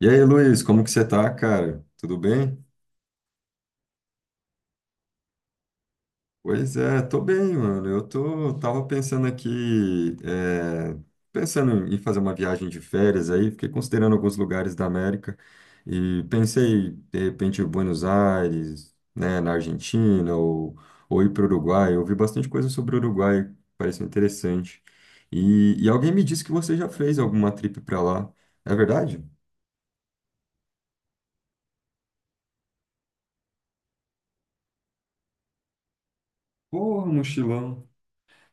E aí, Luiz, como que você tá, cara? Tudo bem? Pois é, tô bem, mano. Tava pensando aqui, pensando em fazer uma viagem de férias aí, fiquei considerando alguns lugares da América e pensei, de repente, em Buenos Aires, né, na Argentina ou ir para o Uruguai. Eu ouvi bastante coisa sobre o Uruguai, pareceu interessante. E alguém me disse que você já fez alguma trip para lá. É verdade? Porra, mochilão.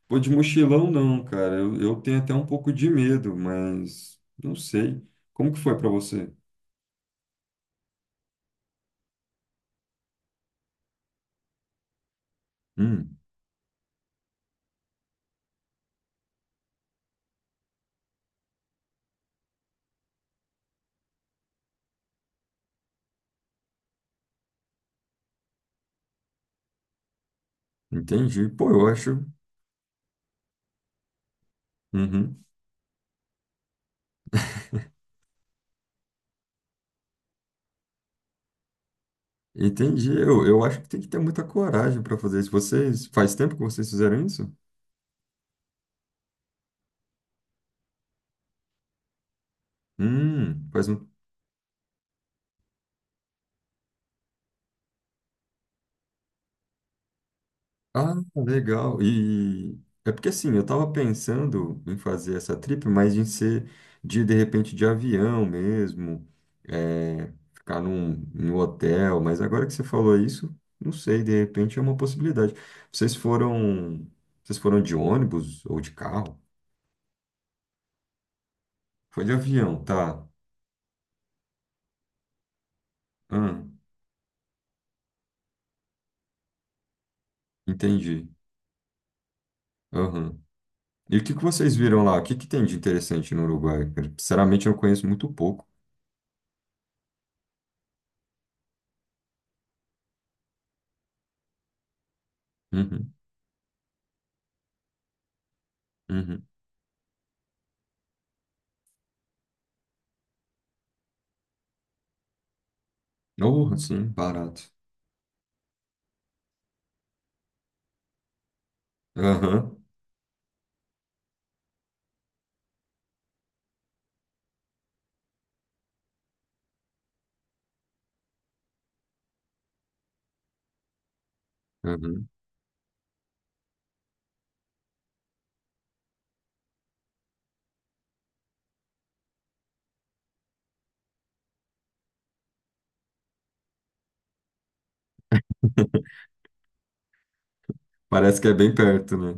Pô, de mochilão não, cara. Eu tenho até um pouco de medo, mas não sei. Como que foi pra você? Hum, entendi. Pô, eu acho. Uhum. Entendi. Eu acho que tem que ter muita coragem para fazer isso. Vocês. Faz tempo que vocês fizeram isso? Faz um. Ah, legal. E é porque assim, eu tava pensando em fazer essa trip, mas em ser de repente de avião mesmo, é, ficar num hotel, mas agora que você falou isso, não sei, de repente é uma possibilidade. Vocês foram, vocês foram de ônibus ou de carro? Foi de avião, tá. Ah, entendi. Aham. E o que que vocês viram lá? O que que tem de interessante no Uruguai, cara? Sinceramente, eu conheço muito pouco. Uhum, uhum. Oh, sim, barato. Aham, aham. Parece que é bem perto, né?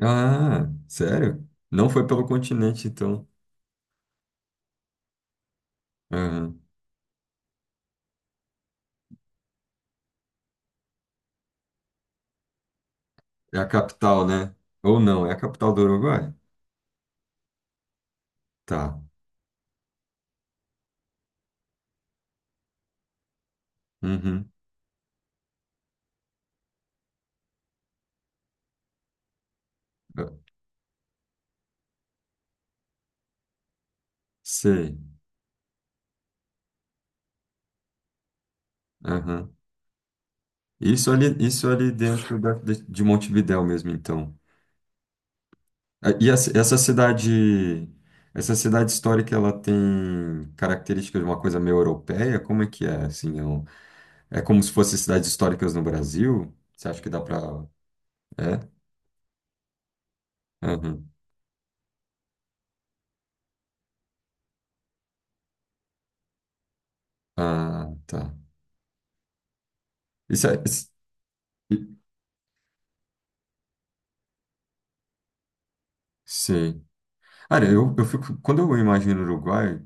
Ah, sério? Não foi pelo continente, então. Aham. É a capital, né? Ou não, é a capital do Uruguai? Tá. Uhum. Ah, sei. Aham. Isso ali de Montevidéu mesmo, então. Ah, e essa cidade histórica, ela tem características de uma coisa meio europeia? Como é que é, assim? É como se fossem cidades históricas no Brasil? Você acha que dá pra... É? Ah, tá. Isso é. Sim. Cara, eu fico. Quando eu imagino o Uruguai,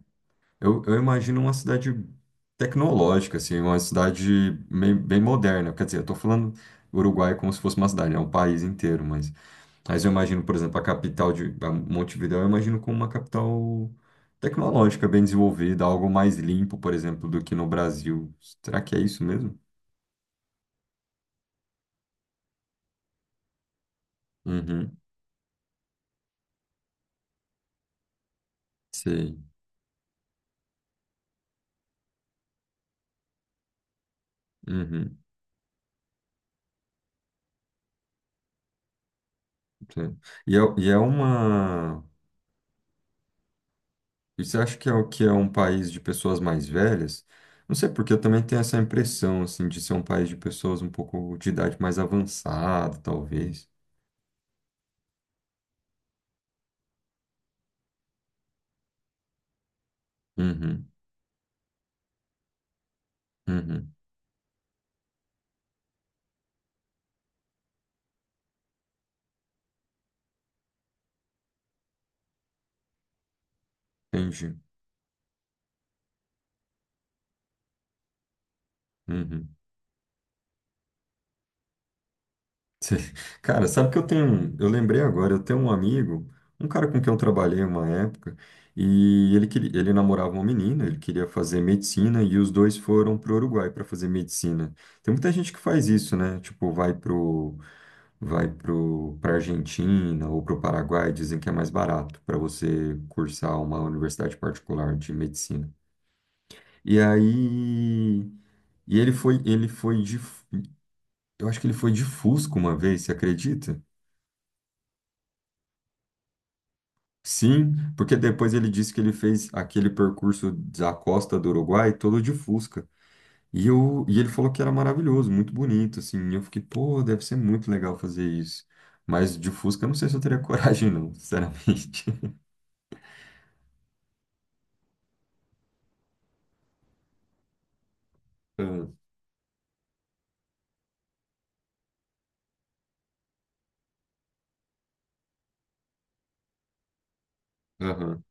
eu imagino uma cidade tecnológica, assim, uma bem, moderna. Quer dizer, eu tô falando Uruguai como se fosse uma cidade, é um país inteiro, mas. Mas eu imagino, por exemplo, a capital de a Montevidéu, eu imagino como uma capital tecnológica, bem desenvolvida, algo mais limpo, por exemplo, do que no Brasil. Será que é isso mesmo? Uhum. Sei. Uhum. Sei. E é uma. E você acha que é o que é um país de pessoas mais velhas? Não sei, porque eu também tenho essa impressão, assim, de ser um país de pessoas um pouco de idade mais avançada, talvez. Uhum, uhum, entendi. Uhum. Cê- Cara, sabe que eu lembrei agora, eu tenho um amigo, um cara com quem eu trabalhei uma época, e ele namorava uma menina, ele queria fazer medicina e os dois foram pro Uruguai para fazer medicina. Tem muita gente que faz isso, né? Tipo, vai para a Argentina ou para o Paraguai, dizem que é mais barato para você cursar uma universidade particular de medicina. E aí, ele foi de, eu acho que ele foi de Fusca uma vez, você acredita? Sim, porque depois ele disse que ele fez aquele percurso da costa do Uruguai todo de Fusca. E ele falou que era maravilhoso, muito bonito, assim. E eu fiquei, pô, deve ser muito legal fazer isso. Mas de Fusca, eu não sei se eu teria coragem, não, sinceramente. Ah, aham.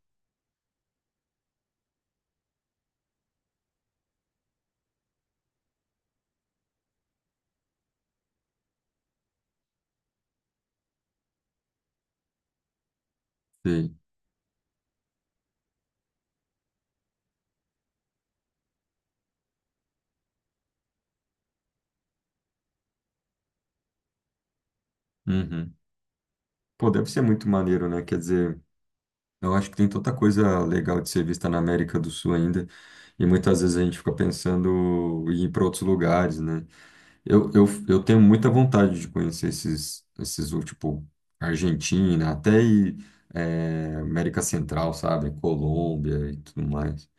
Sei. Uhum. Pô, deve ser muito maneiro, né? Quer dizer, eu acho que tem tanta coisa legal de ser vista na América do Sul ainda, e muitas vezes a gente fica pensando em ir para outros lugares, né? Eu tenho muita vontade de conhecer tipo, Argentina, até América Central, sabe? Colômbia e tudo mais.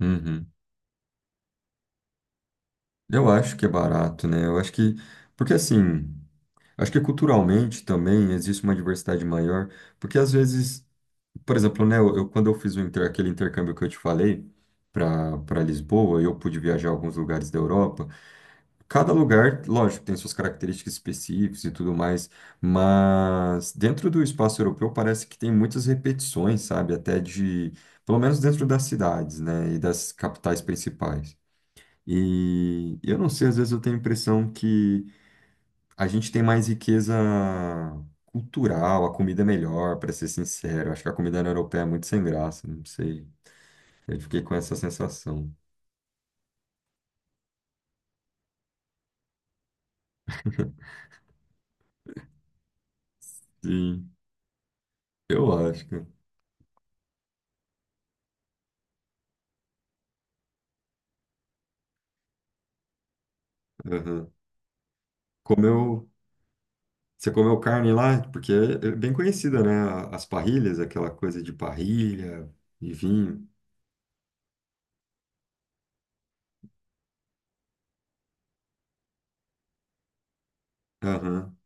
Uhum. Eu acho que é barato, né? Porque assim, acho que culturalmente também existe uma diversidade maior. Porque às vezes por exemplo, né, quando eu aquele intercâmbio que eu te falei para Lisboa, eu pude viajar a alguns lugares da Europa. Cada lugar, lógico, tem suas características específicas e tudo mais, mas dentro do espaço europeu parece que tem muitas repetições, sabe? Pelo menos dentro das cidades, né, e das capitais principais. E eu não sei, às vezes eu tenho a impressão que a gente tem mais riqueza cultural, a comida é melhor, para ser sincero. Acho que a comida na europeia é muito sem graça, não sei. Eu fiquei com essa sensação. Sim, eu acho, cara. Aham. Comeu, você comeu carne lá? Porque é bem conhecida, né? As parrilhas, aquela coisa de parrilha e vinho. Aham,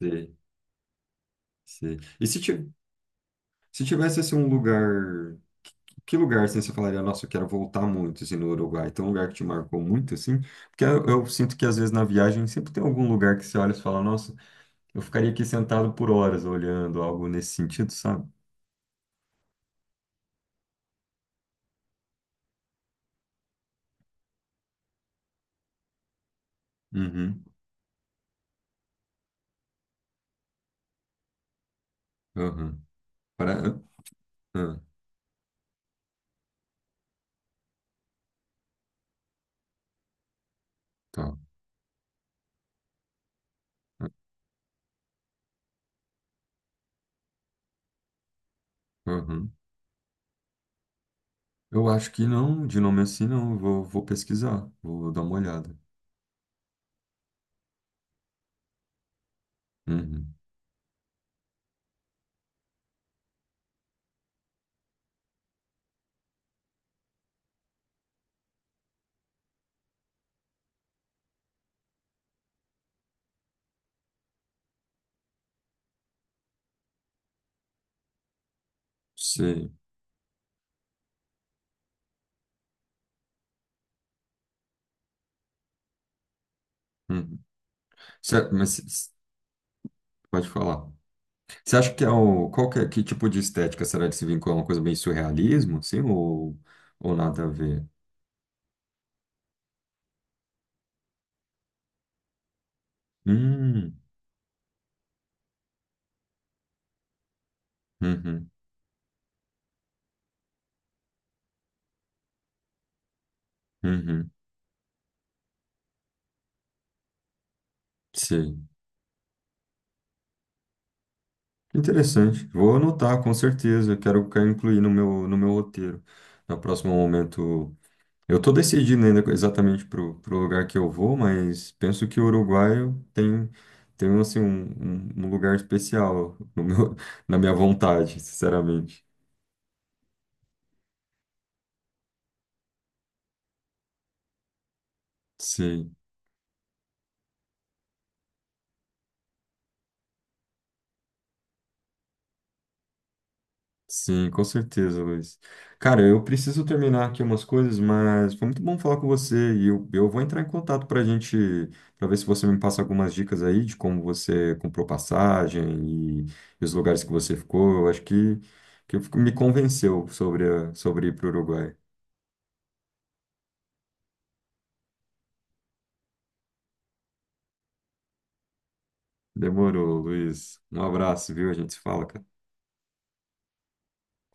sei, sei. E se tivesse assim, um lugar. Que lugar, assim, você falaria, nossa, eu quero voltar muito, assim, no Uruguai? Tem um lugar que te marcou muito, assim? Porque eu sinto que, às vezes, na viagem, sempre tem algum lugar que você olha e fala, nossa, eu ficaria aqui sentado por horas olhando, algo nesse sentido, sabe? Uhum, uhum. Para... Ah, tá. Uhum. Eu acho que não, de nome assim, não. Eu vou, vou pesquisar, vou dar uma olhada. Uhum. Sei. Uhum. Certo, mas pode falar. Você acha que é um. Que tipo de estética será de se vincular? Uma coisa bem surrealismo, assim? Ou nada a ver? Hum, uhum, uhum, sim. Interessante. Vou anotar, com certeza. Quero incluir no meu roteiro. No próximo momento. Eu tô decidindo ainda exatamente pro lugar que eu vou, mas penso que o Uruguai tem, tem assim, um um lugar especial no meu, na minha vontade, sinceramente. Sim. Sim, com certeza, Luiz. Cara, eu preciso terminar aqui umas coisas, mas foi muito bom falar com você e eu vou entrar em contato para gente, para ver se você me passa algumas dicas aí de como você comprou passagem e, e os lugares que você ficou. Que me convenceu sobre ir para o Uruguai. Demorou, Luiz. Um abraço, viu? A gente se fala, cara.